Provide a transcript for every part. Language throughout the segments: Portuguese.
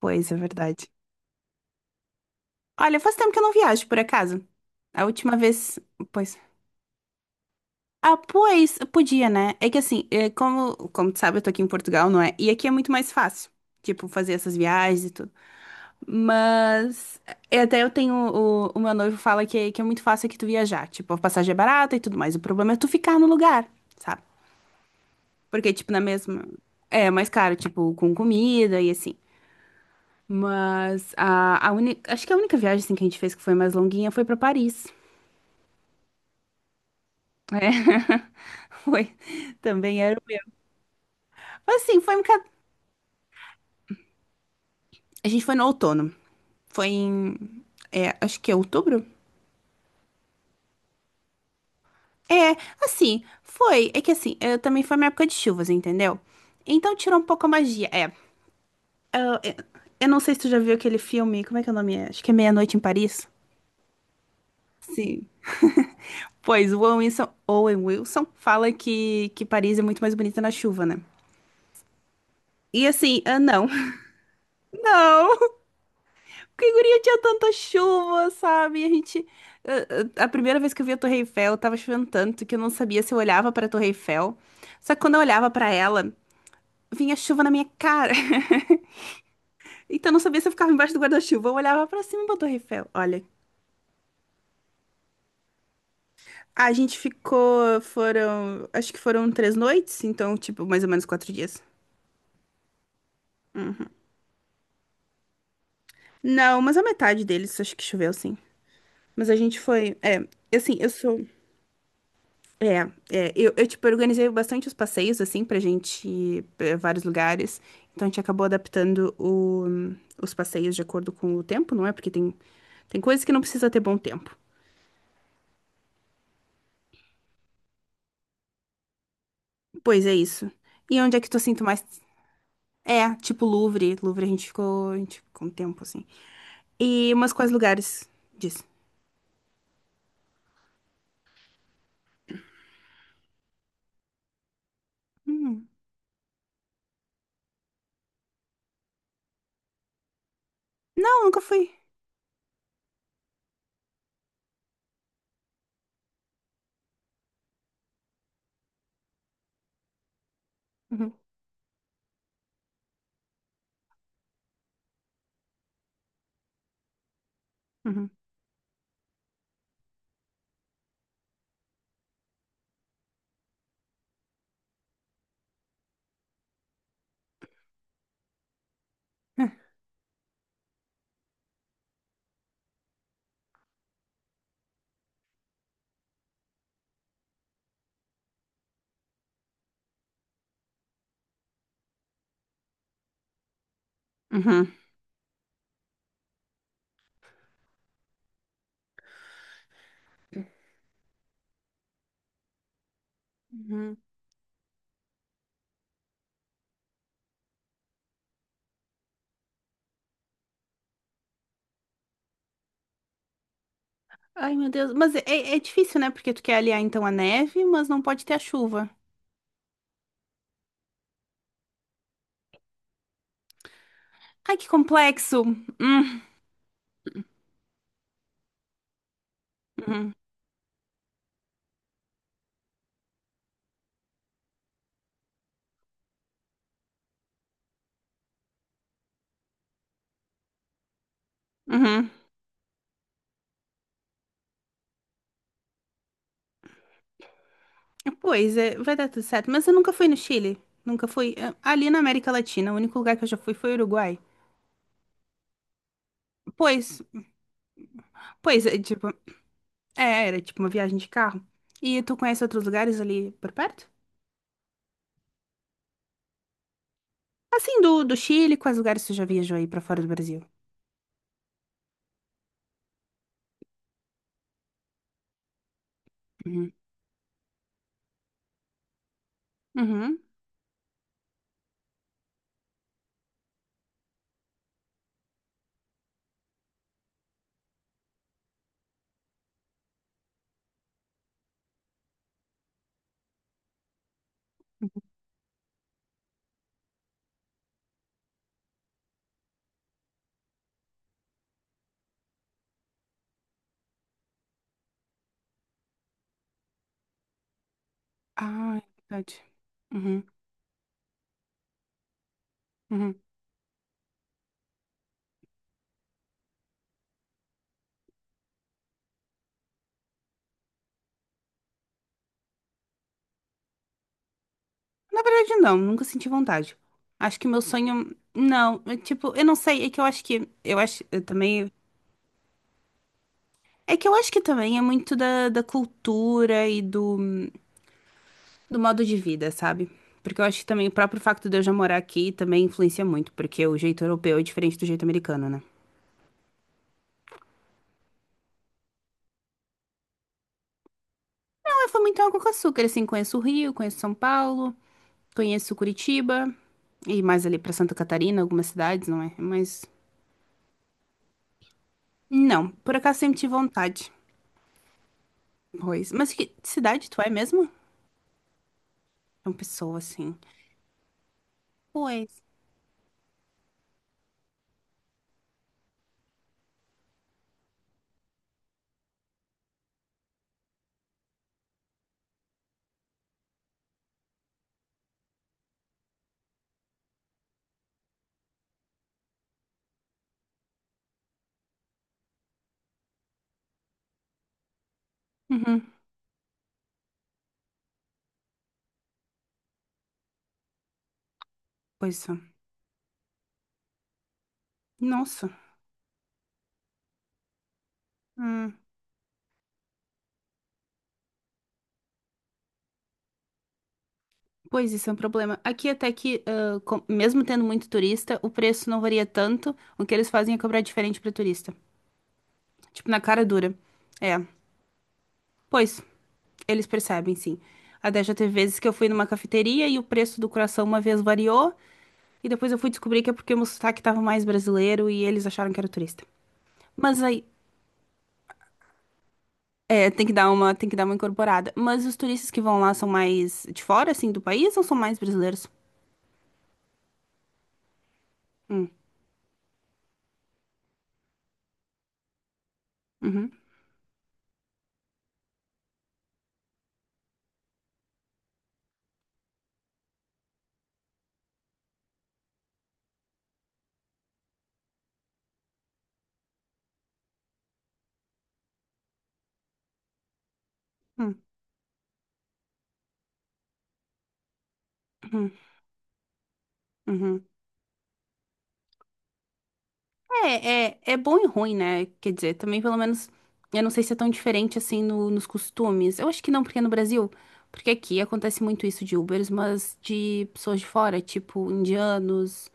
Pois, é verdade. Olha, faz tempo que eu não viajo, por acaso. A última vez. Pois. Ah, pois, podia, né? É que assim, é, como, tu sabe, eu tô aqui em Portugal, não é? E aqui é muito mais fácil, tipo, fazer essas viagens e tudo. Mas. É, Até eu tenho. O meu noivo fala que é muito fácil aqui tu viajar. Tipo, a passagem é barata e tudo mais. O problema é tu ficar no lugar, sabe? Porque, tipo, na mesma. É mais caro, tipo, com comida e assim. Mas a única. Acho que a única viagem assim, que a gente fez que foi mais longuinha foi pra Paris. É, foi. Também era o meu. Mas, assim, foi um bocado. A gente foi no outono. Foi em. Acho que é outubro? É, assim, foi. É que assim, também foi uma época de chuvas, entendeu? Então tirou um pouco a magia. É. Eu, eu não sei se tu já viu aquele filme. Como é que é o nome? É? Acho que é Meia-Noite em Paris. Sim. Pois, o Owen Wilson, Owen Wilson fala que Paris é muito mais bonita na chuva, né? E assim, ah, não. Não! Que guria tinha tanta chuva, sabe? A gente. A a primeira vez que eu vi a Torre Eiffel, tava chovendo tanto que eu não sabia se eu olhava pra Torre Eiffel. Só que quando eu olhava pra ela, vinha chuva na minha cara. Então eu não sabia se eu ficava embaixo do guarda-chuva. Eu olhava pra cima pra Torre Eiffel. Olha. A gente ficou. Foram. Acho que foram três noites, então, tipo, mais ou menos quatro dias. Não, mas a metade deles acho que choveu, sim. Mas a gente foi. É, assim, eu sou. É, é, eu, tipo, organizei bastante os passeios, assim, pra gente ir pra vários lugares. Então, a gente acabou adaptando os passeios de acordo com o tempo, não é? Porque tem coisas que não precisa ter bom tempo. Pois é isso. E onde é que tu sinto mais. É, tipo Louvre. Louvre a gente ficou um tempo, assim. E umas quais lugares disso? Hum. Não, nunca fui. Uhum, uhum, é, uhum, uhum. Ai, meu Deus. Mas é, é difícil, né? Porque tu quer aliar, então, a neve, mas não pode ter a chuva. Ai, que complexo. Hum, uhum, uhum. Pois é, vai dar tudo certo. Mas eu nunca fui no Chile. Nunca fui. Ali na América Latina, o único lugar que eu já fui foi o Uruguai. Pois, pois, é, tipo, é, era tipo uma viagem de carro. E tu conhece outros lugares ali por perto? Assim, do Chile, quais lugares tu já viajou aí pra fora do Brasil? Uhum. Uhum. Uhum. Ah, é verdade. Uhum. Uhum. Na verdade, não, nunca senti vontade. Acho que o meu sonho. Não, é tipo, eu não sei, é que eu acho que. Eu acho. Eu também. É que eu acho que também é muito da cultura e do, do modo de vida, sabe? Porque eu acho que também o próprio facto de eu já morar aqui também influencia muito, porque o jeito europeu é diferente do jeito americano, né? Não, eu fui muito água com açúcar, assim, conheço o Rio, conheço São Paulo, conheço Curitiba, e mais ali pra Santa Catarina, algumas cidades, não é? Mas, não, por acaso sempre tive vontade, pois. Mas que cidade tu é mesmo? É uma pessoa, assim. Pois. Uhum, pois. Nossa. Hum. Pois isso é um problema. Aqui até que, ah, com- mesmo tendo muito turista, o preço não varia tanto. O que eles fazem é cobrar diferente para turista. Tipo, na cara dura. É. Pois, eles percebem, sim. Até já teve vezes que eu fui numa cafeteria e o preço do coração uma vez variou. E depois eu fui descobrir que é porque o meu sotaque tava mais brasileiro e eles acharam que era turista. Mas aí, é, tem que dar uma, tem que dar uma incorporada. Mas os turistas que vão lá são mais de fora, assim, do país ou são mais brasileiros? Hum, uhum, hum, uhum, uhum. É, é, é bom e ruim, né? Quer dizer, também pelo menos, eu não sei se é tão diferente assim nos costumes. Eu acho que não, porque é no Brasil, porque aqui acontece muito isso de Ubers, mas de pessoas de fora, tipo indianos.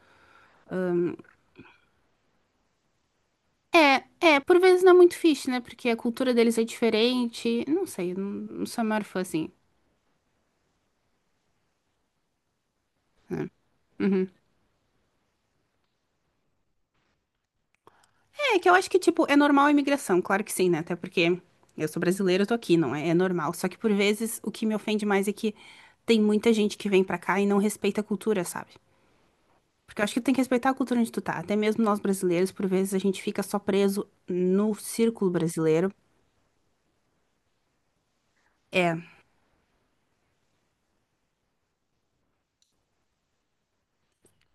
É, é, por vezes não é muito fixe, né? Porque a cultura deles é diferente. Não sei, não, não sou a maior fã assim. Uhum. É, que eu acho que, tipo, é normal a imigração, claro que sim, né? Até porque eu sou brasileira, eu tô aqui, não é? É normal. Só que por vezes o que me ofende mais é que tem muita gente que vem pra cá e não respeita a cultura, sabe? Porque eu acho que tu tem que respeitar a cultura onde tu tá. Até mesmo nós brasileiros, por vezes a gente fica só preso no círculo brasileiro. É,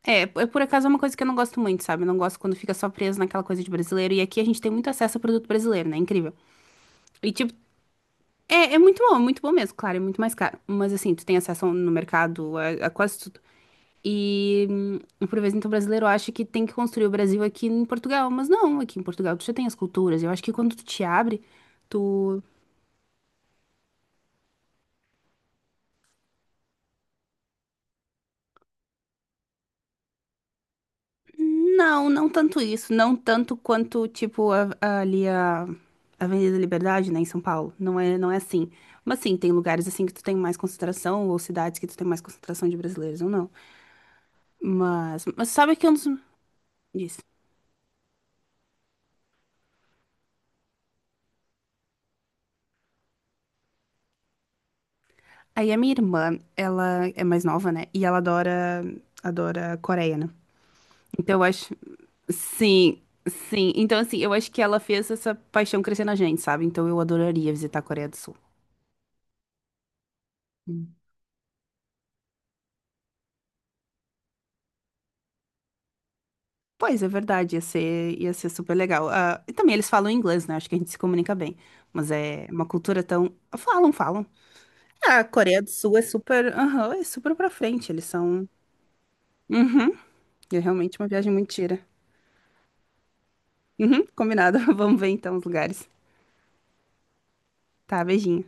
é, é, por acaso é uma coisa que eu não gosto muito, sabe? Eu não gosto quando fica só preso naquela coisa de brasileiro. E aqui a gente tem muito acesso a produto brasileiro, né? Incrível. E tipo, é, é muito bom mesmo, claro, é muito mais caro. Mas assim, tu tem acesso no mercado a quase tudo. E por vezes então o brasileiro acha que tem que construir o Brasil aqui em Portugal, mas não, aqui em Portugal tu já tem as culturas. Eu acho que quando tu te abre, tu. Não, não tanto isso. Não tanto quanto, tipo, ali a Avenida da Liberdade, né, em São Paulo. Não é, não é assim. Mas sim, tem lugares assim que tu tem mais concentração, ou cidades que tu tem mais concentração de brasileiros, ou não. Mas sabe que é um dos. Isso. Aí a minha irmã, ela é mais nova, né? E ela adora, adora Coreia, né? Então eu acho. Sim, sim. Então, assim, eu acho que ela fez essa paixão crescer na gente, sabe? Então eu adoraria visitar a Coreia do Sul. Pois, é verdade, ia ser super legal. Ah, e também eles falam inglês, né? Acho que a gente se comunica bem. Mas é uma cultura tão. Falam, falam. Ah, a Coreia do Sul é super. Aham, é super pra frente. Eles são. Uhum. É realmente uma viagem muito tira. Uhum, combinado. Vamos ver então os lugares. Tá, beijinho.